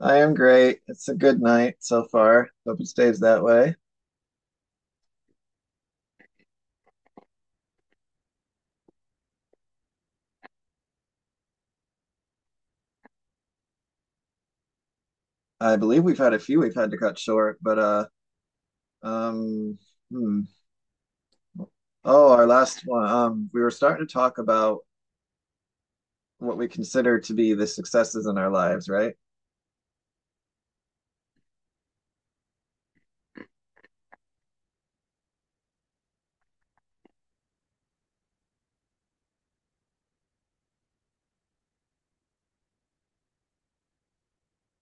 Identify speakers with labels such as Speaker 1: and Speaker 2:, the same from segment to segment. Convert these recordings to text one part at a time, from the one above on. Speaker 1: I am great. It's a good night so far. Hope it stays that way. I believe we've had a few we've had to cut short, but um hmm. Oh, our last one. We were starting to talk about what we consider to be the successes in our lives, right?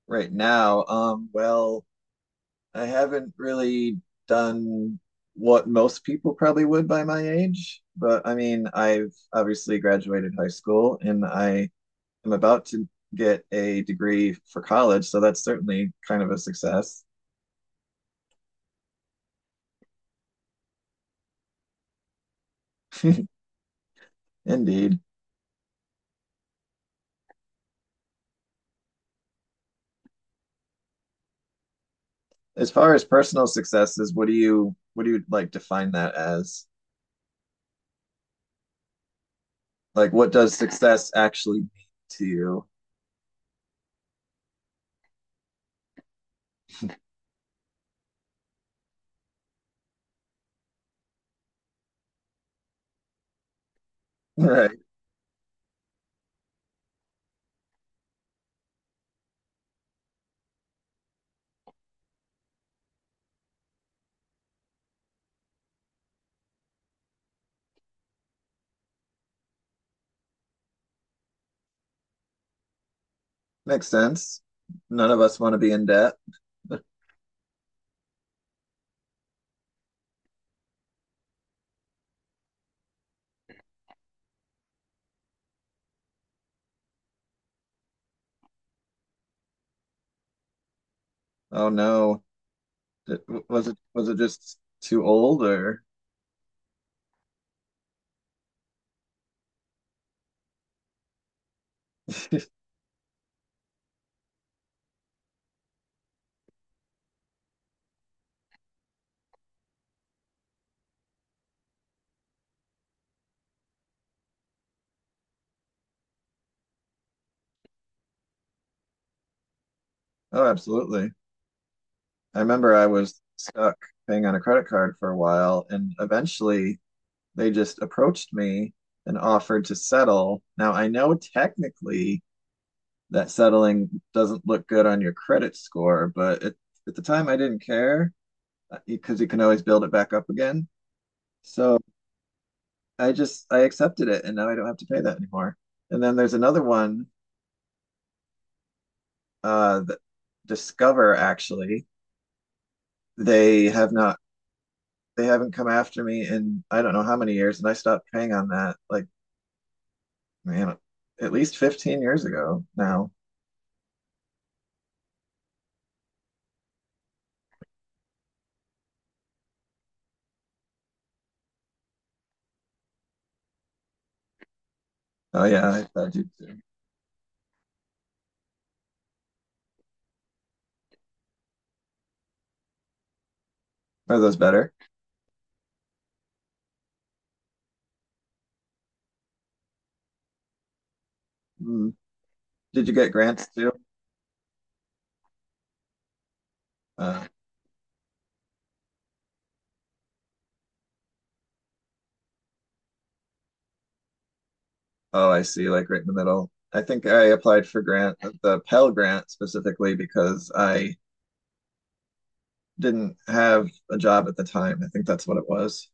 Speaker 1: Right now. Well, I haven't really done what most people probably would by my age, but I've obviously graduated high school and I am about to get a degree for college, so that's certainly kind of a success. Indeed. As far as personal successes, what do you like define that as? Like what does success actually mean to you? Right. Makes sense. None of us want to be in debt. Oh no. Was it just too old or Oh, absolutely. I remember I was stuck paying on a credit card for a while, and eventually they just approached me and offered to settle. Now, I know technically that settling doesn't look good on your credit score, but at the time I didn't care because you can always build it back up again. So I accepted it, and now I don't have to pay that anymore. And then there's another one that Discover actually they have not they haven't come after me in I don't know how many years, and I stopped paying on that like man at least 15 years ago now. Oh yeah, I thought you too. Are those better? Mm. Did you get grants too? Uh, oh, I see. Like right in the middle. I think I applied for grant the Pell Grant specifically because I didn't have a job at the time. I think that's what it was.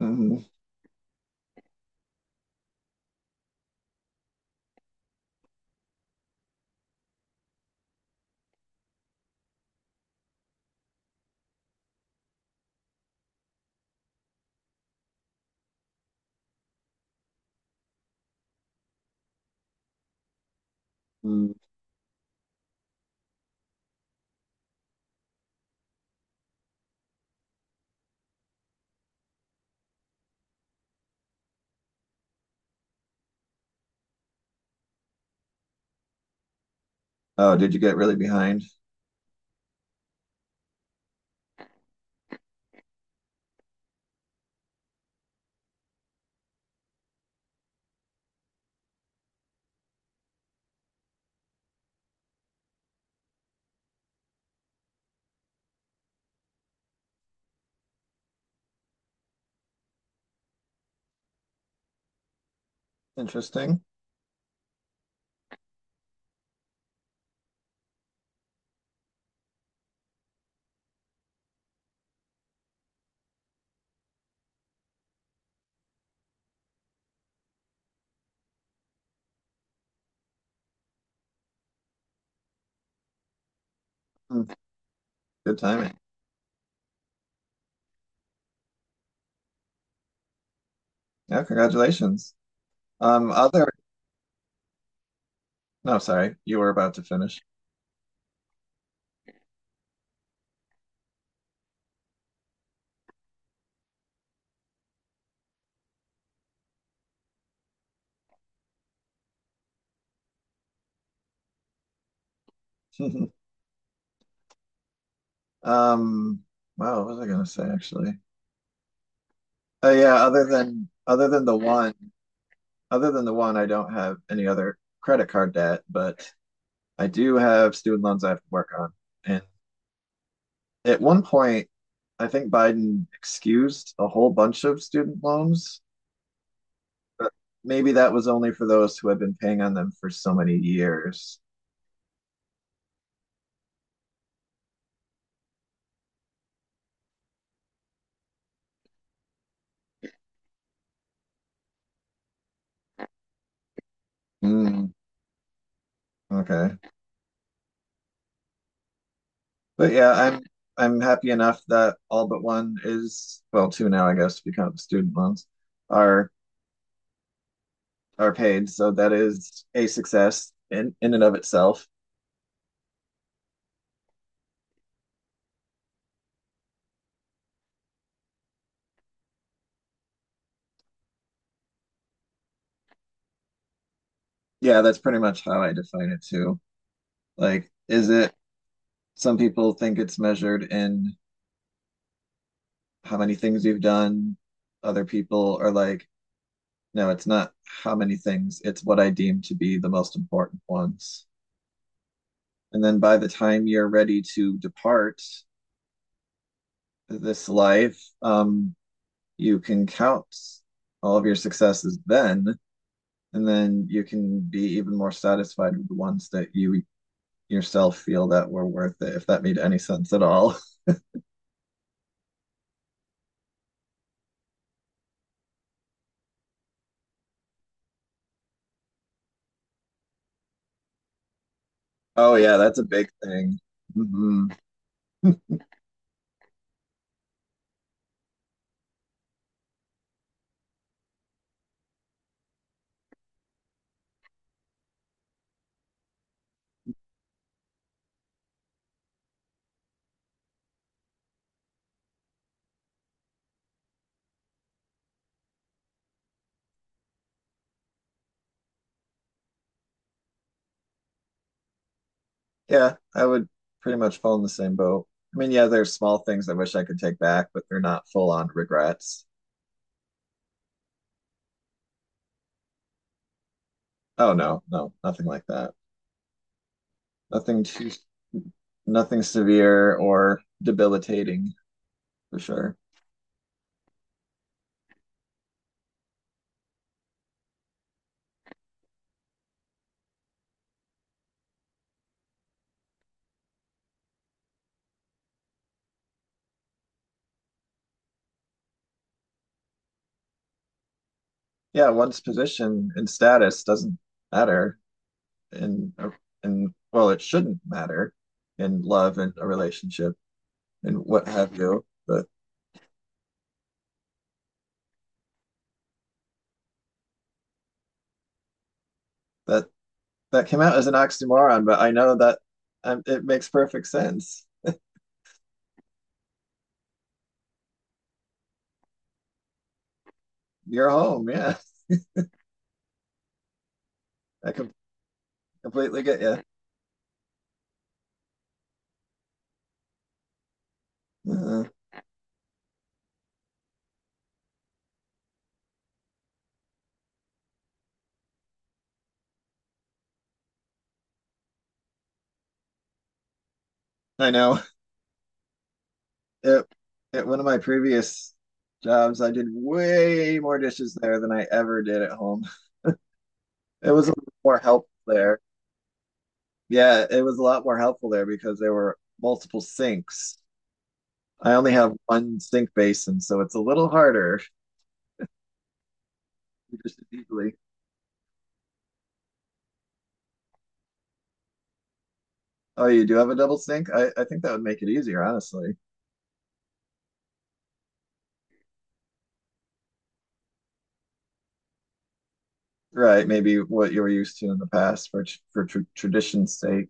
Speaker 1: Mm-hmm. Hmm. Oh, did you get really behind? Interesting. Mm. Good timing. Yeah, congratulations. Other. No, sorry, you were about to finish. Um, wow, what was I gonna say actually? Yeah, other than the one, I don't have any other credit card debt, but I do have student loans I have to work on. And at one point, I think Biden excused a whole bunch of student loans, but maybe that was only for those who have been paying on them for so many years. Mm, okay. But yeah, I'm happy enough that all but one is, well, two now, I guess, because you the student loans, are are paid. So that is a success in and of itself. Yeah, that's pretty much how I define it too. Like, is it some people think it's measured in how many things you've done? Other people are like, no, it's not how many things, it's what I deem to be the most important ones. And then by the time you're ready to depart this life, you can count all of your successes then, and then you can be even more satisfied with the ones that you yourself feel that were worth it, if that made any sense at all. Oh, yeah, that's a big thing. Hmm. Yeah, I would pretty much fall in the same boat. Yeah, there's small things I wish I could take back, but they're not full on regrets. Oh, no, no, nothing like that. Nothing too, Nothing severe or debilitating for sure. Yeah, one's position and status doesn't matter in, a- in, well, it shouldn't matter in love and a relationship and what have you, but that that came out as an oxymoron, but I know that it makes perfect sense. You're home, yeah. I com completely get you. Uh, I know. It, at one of my previous jobs, I did way more dishes there than I ever did at home. It was a lot more helpful there. Yeah, it was a lot more helpful there because there were multiple sinks. I only have one sink basin, so it's a little harder. Just easily. Oh, you do have a double sink? I think that would make it easier, honestly. Right, maybe what you were used to in the past for tradition's sake.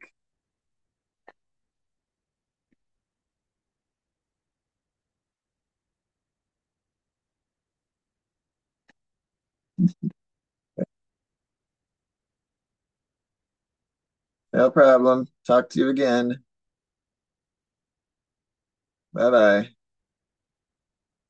Speaker 1: No problem. Talk to you again. Bye bye.